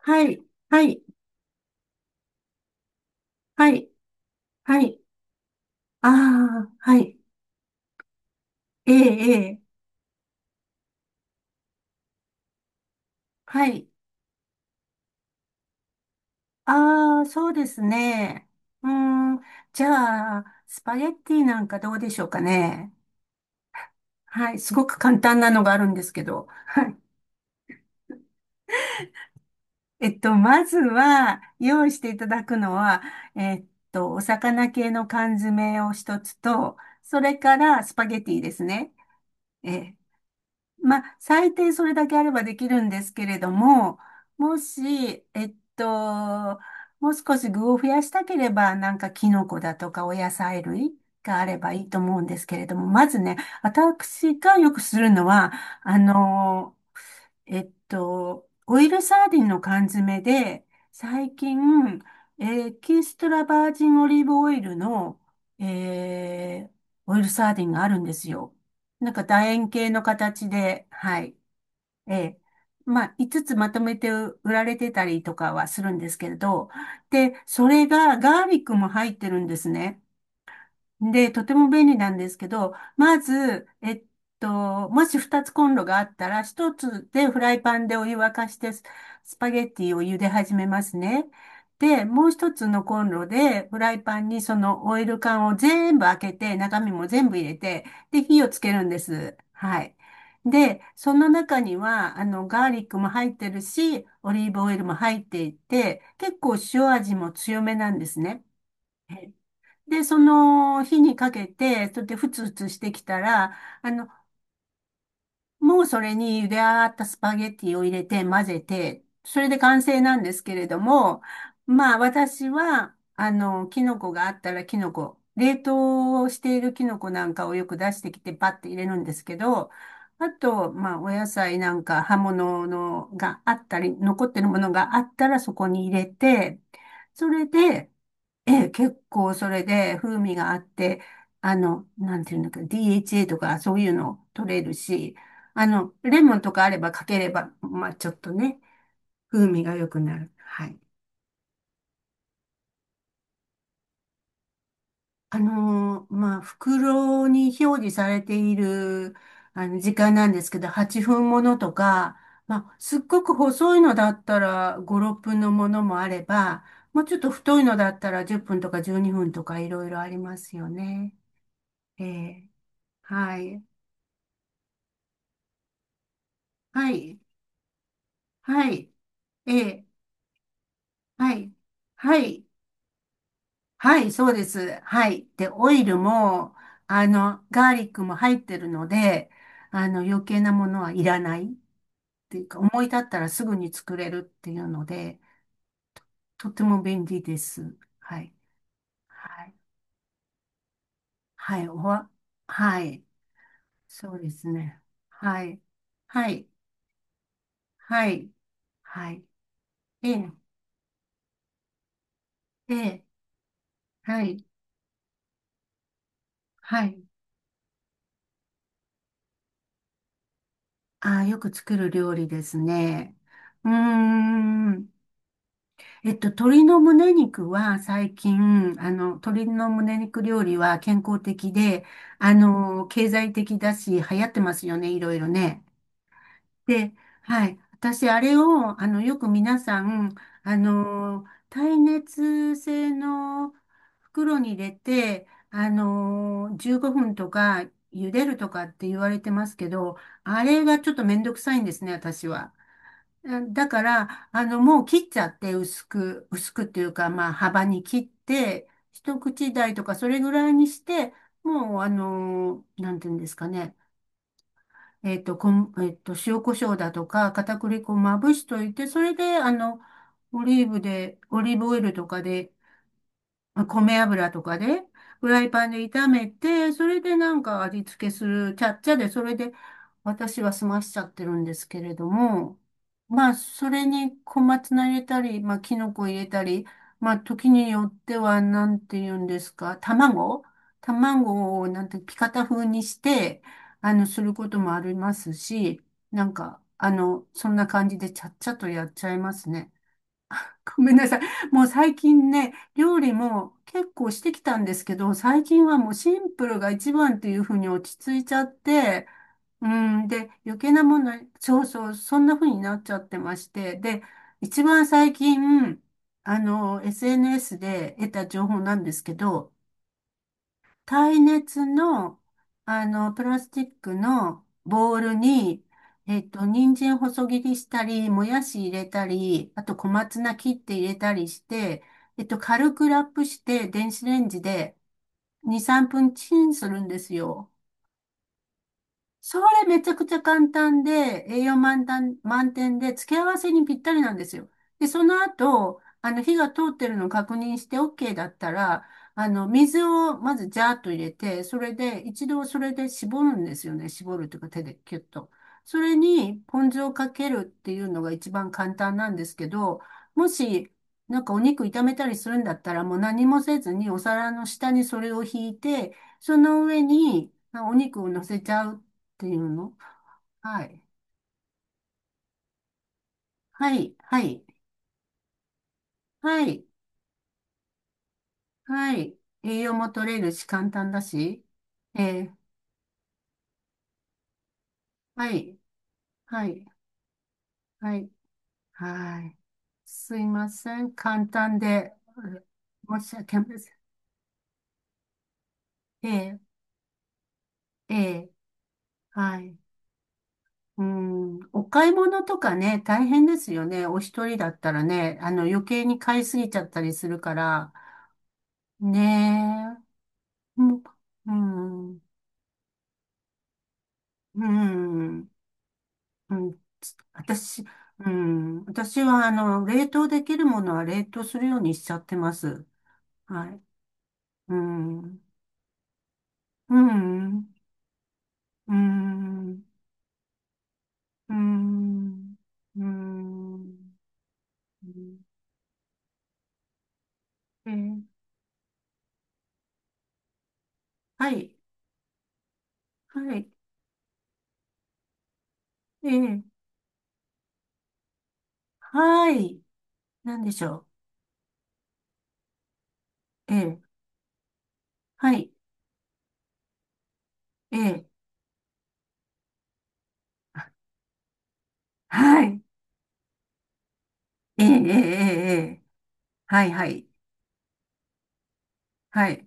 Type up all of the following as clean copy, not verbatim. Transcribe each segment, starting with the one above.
はい、はい、はい、はい。ああ、はい。ええ、ええ、はい。ああ、そうですね。うーん、じゃあ、スパゲッティなんかどうでしょうかね。はい、すごく簡単なのがあるんですけど。はい。まずは、用意していただくのは、えっお魚系の缶詰を一つと、それからスパゲッティですね。ええまあ、最低それだけあればできるんですけれども、もし、もう少し具を増やしたければ、なんかキノコだとかお野菜類があればいいと思うんですけれども、まずね、私がよくするのは、あの、オイルサーディンの缶詰で、最近、エキストラバージンオリーブオイルの、えーオイルサーディンがあるんですよ。なんか楕円形の形で、はい。ええまあ、5つつまとめて売られてたりとかはするんですけれど、で、それがガーリックも入ってるんですね。で、とても便利なんですけど、まず、もし二つコンロがあったら、一つでフライパンでお湯沸かしてスパゲッティを茹で始めますね。で、もう一つのコンロで、フライパンにそのオイル缶を全部開けて、中身も全部入れて、で、火をつけるんです。はい。で、その中には、あの、ガーリックも入ってるし、オリーブオイルも入っていて、結構塩味も強めなんですね。で、その火にかけて、それでふつふつしてきたら、あの、もうそれに茹で上がったスパゲッティを入れて混ぜて、それで完成なんですけれども、まあ私は、あの、キノコがあったらキノコ、冷凍しているキノコなんかをよく出してきてパッて入れるんですけど、あと、まあお野菜なんか葉物のがあったり、残ってるものがあったらそこに入れて、それで、ええ、結構それで風味があって、あの、なんていうんだっけ、DHA とかそういうの取れるし、あの、レモンとかあればかければ、まあちょっとね、風味が良くなる。はい。まあ袋に表示されている、あの、時間なんですけど、8分ものとか、まあ、すっごく細いのだったら5、6分のものもあれば、もうちょっと太いのだったら10分とか12分とかいろいろありますよね。ええ。はい。はい、はい、ええ、はい、はい、はい、そうです。はい。で、オイルも、あの、ガーリックも入ってるので、あの、余計なものはいらないっていうか、思い立ったらすぐに作れるっていうので、とても便利です。はい、はい、はい、はい、そうですね。はい、はい、はい、はい、ええ、ええ、はい、はい。ああ、よく作る料理ですね。うーん。鶏の胸肉は最近、あの、鶏の胸肉料理は健康的で、あの、経済的だし、流行ってますよね、いろいろね。で、はい。私、あれを、あの、よく皆さん、あの、耐熱性の袋に入れて、あの、15分とか、茹でるとかって言われてますけど、あれがちょっとめんどくさいんですね、私は。あだから、あの、もう切っちゃって、薄くっていうか、まあ、幅に切って、一口大とか、それぐらいにして、もう、あの、なんていうんですかね、えっと、こん、えっと、塩コショウだとか、片栗粉をまぶしといて、それで、あの、オリーブオイルとかでまあ米油とかで、フライパンで炒めて、それでなんか味付けする、ちゃっちゃで、それで私は済ましちゃってるんですけれども、まあ、それに小松菜入れたり、まあ、キノコ入れたり、まあ、時によっては、なんて言うんですか、卵を、なんて、ピカタ風にして、あの、することもありますし、なんか、あの、そんな感じでちゃっちゃとやっちゃいますね。ごめんなさい。もう最近ね、料理も結構してきたんですけど、最近はもうシンプルが一番っていうふうに落ち着いちゃって、うん、で、余計なもの、そうそう、そんな風になっちゃってまして、で、一番最近、あの、SNS で得た情報なんですけど、耐熱の、あの、プラスチックのボウルに、人参細切りしたり、もやし入れたり、あと小松菜切って入れたりして、軽くラップして、電子レンジで2、3分チンするんですよ。それめちゃくちゃ簡単で、栄養満タン満点で、付け合わせにぴったりなんですよ。で、その後、あの、火が通ってるのを確認して OK だったら、あの、水をまずジャーッと入れて、それで、一度それで絞るんですよね。絞るというか手でキュッと。それに、ポン酢をかけるっていうのが一番簡単なんですけど、もし、なんかお肉炒めたりするんだったら、もう何もせずにお皿の下にそれを引いて、その上にあお肉を乗せちゃうていうのはい。はい。はい。はい。はい。栄養も取れるし、簡単だし。えーはい。はい。はい。はい。すいません。簡単で、うん申し訳ありません。えーえーはい。うん。お買い物とかね、大変ですよね。お一人だったらね、あの、余計に買いすぎちゃったりするから。ねえ。うん。うん。うん。私、うん、私は、あの、冷凍できるものは冷凍するようにしちゃってます。はい。うん、うん、うん、うん、うん。えー、はい、はい、えー、はい、なんでしょう。えー、はい、えー、はい、えー、えー、えー、はい、はい、はい。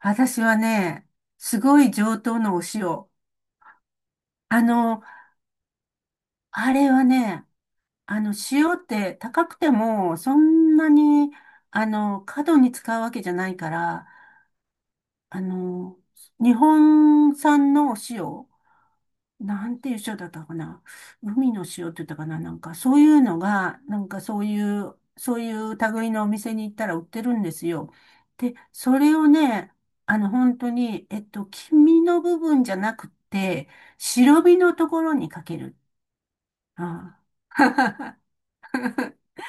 私はね、すごい上等のお塩。あの、あれはね、あの、塩って高くても、そんなに、あの、過度に使うわけじゃないから、あの、日本産のお塩、なんていう塩だったかな。海の塩って言ったかな。なんか、そういうのが、なんかそういう、そういう類のお店に行ったら売ってるんですよ。で、それをね、あの、本当に、黄身の部分じゃなくて、白身のところにかける。ああ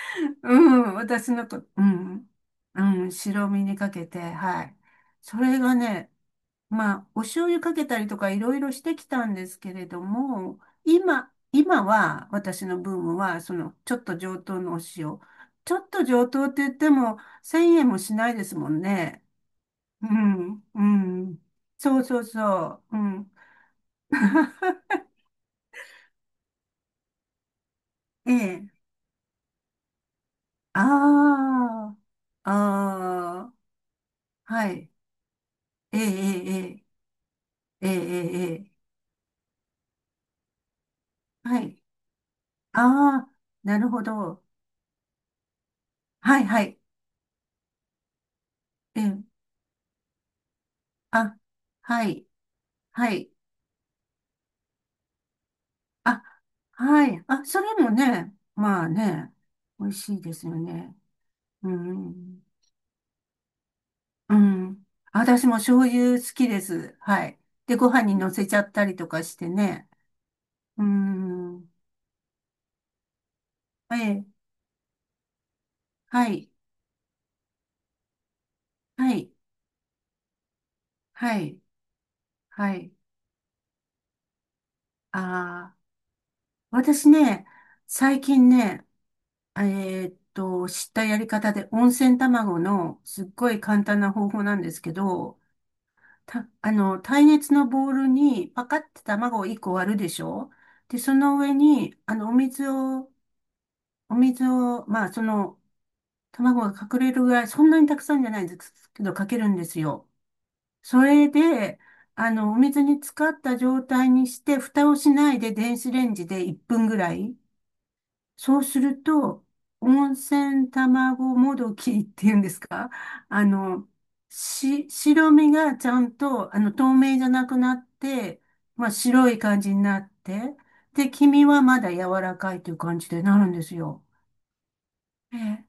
うん、私のこ、うん、うん、白身にかけて、はい。それがね、まあ、お醤油かけたりとかいろいろしてきたんですけれども、今は、私のブームは、その、ちょっと上等のお塩。ちょっと上等って言っても、1000円もしないですもんね。うん、うん。そうそうそう、うん。ええ。ああ、ああ、はい。ええ、ええ、ええ、ええ、ええ。はい。ああ、なるほど。はい、はい。ええ、あ、はい、はい。あ、はい。あ、それもね、まあね、美味しいですよね。うん。うん。私も醤油好きです。はい。で、ご飯に乗せちゃったりとかしてね。うん。ええ、はい、はい、はい、はい。ああ、私ね、最近ね、え知ったやり方で、温泉卵のすっごい簡単な方法なんですけど、た、あの、耐熱のボウルにパカって卵を1個割るでしょで、その上に、あの、お水を、まあ、その、卵が隠れるぐらい、そんなにたくさんじゃないですけど、かけるんですよ。それで、あの、お水に浸かった状態にして、蓋をしないで電子レンジで1分ぐらい。そうすると、温泉卵もどきっていうんですかあの、白身がちゃんと、あの、透明じゃなくなって、まあ、白い感じになって、で、黄身はまだ柔らかいという感じでなるんですよ。ええ、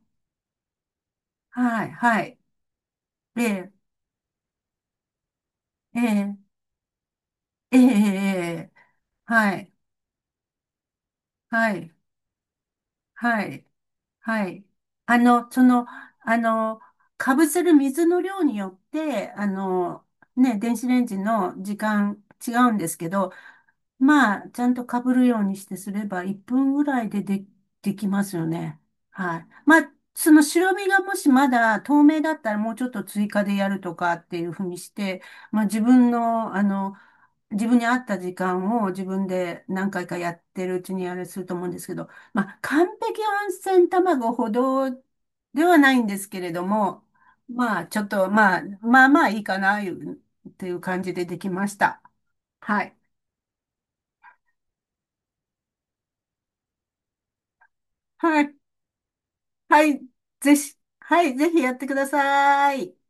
はい、はい。ええ、ええ、ええ、ええ、ええはい、はい、はい。はい。あの、その、あの、かぶせる水の量によって、あの、ね、電子レンジの時間違うんですけど、まあ、ちゃんとかぶるようにしてすれば、1分ぐらいでで、できますよね。はい。まあ、その白身がもしまだ透明だったら、もうちょっと追加でやるとかっていうふうにして、まあ、自分の、あの、自分に合った時間を自分で何回かやってるうちにあれすると思うんですけど、まあ、完璧温泉卵ほどではないんですけれども、まあ、ちょっと、まあ、まあまあいいかな、いうっていう感じでできました。はい。はい。はい。ぜひ、はい。ぜひやってください。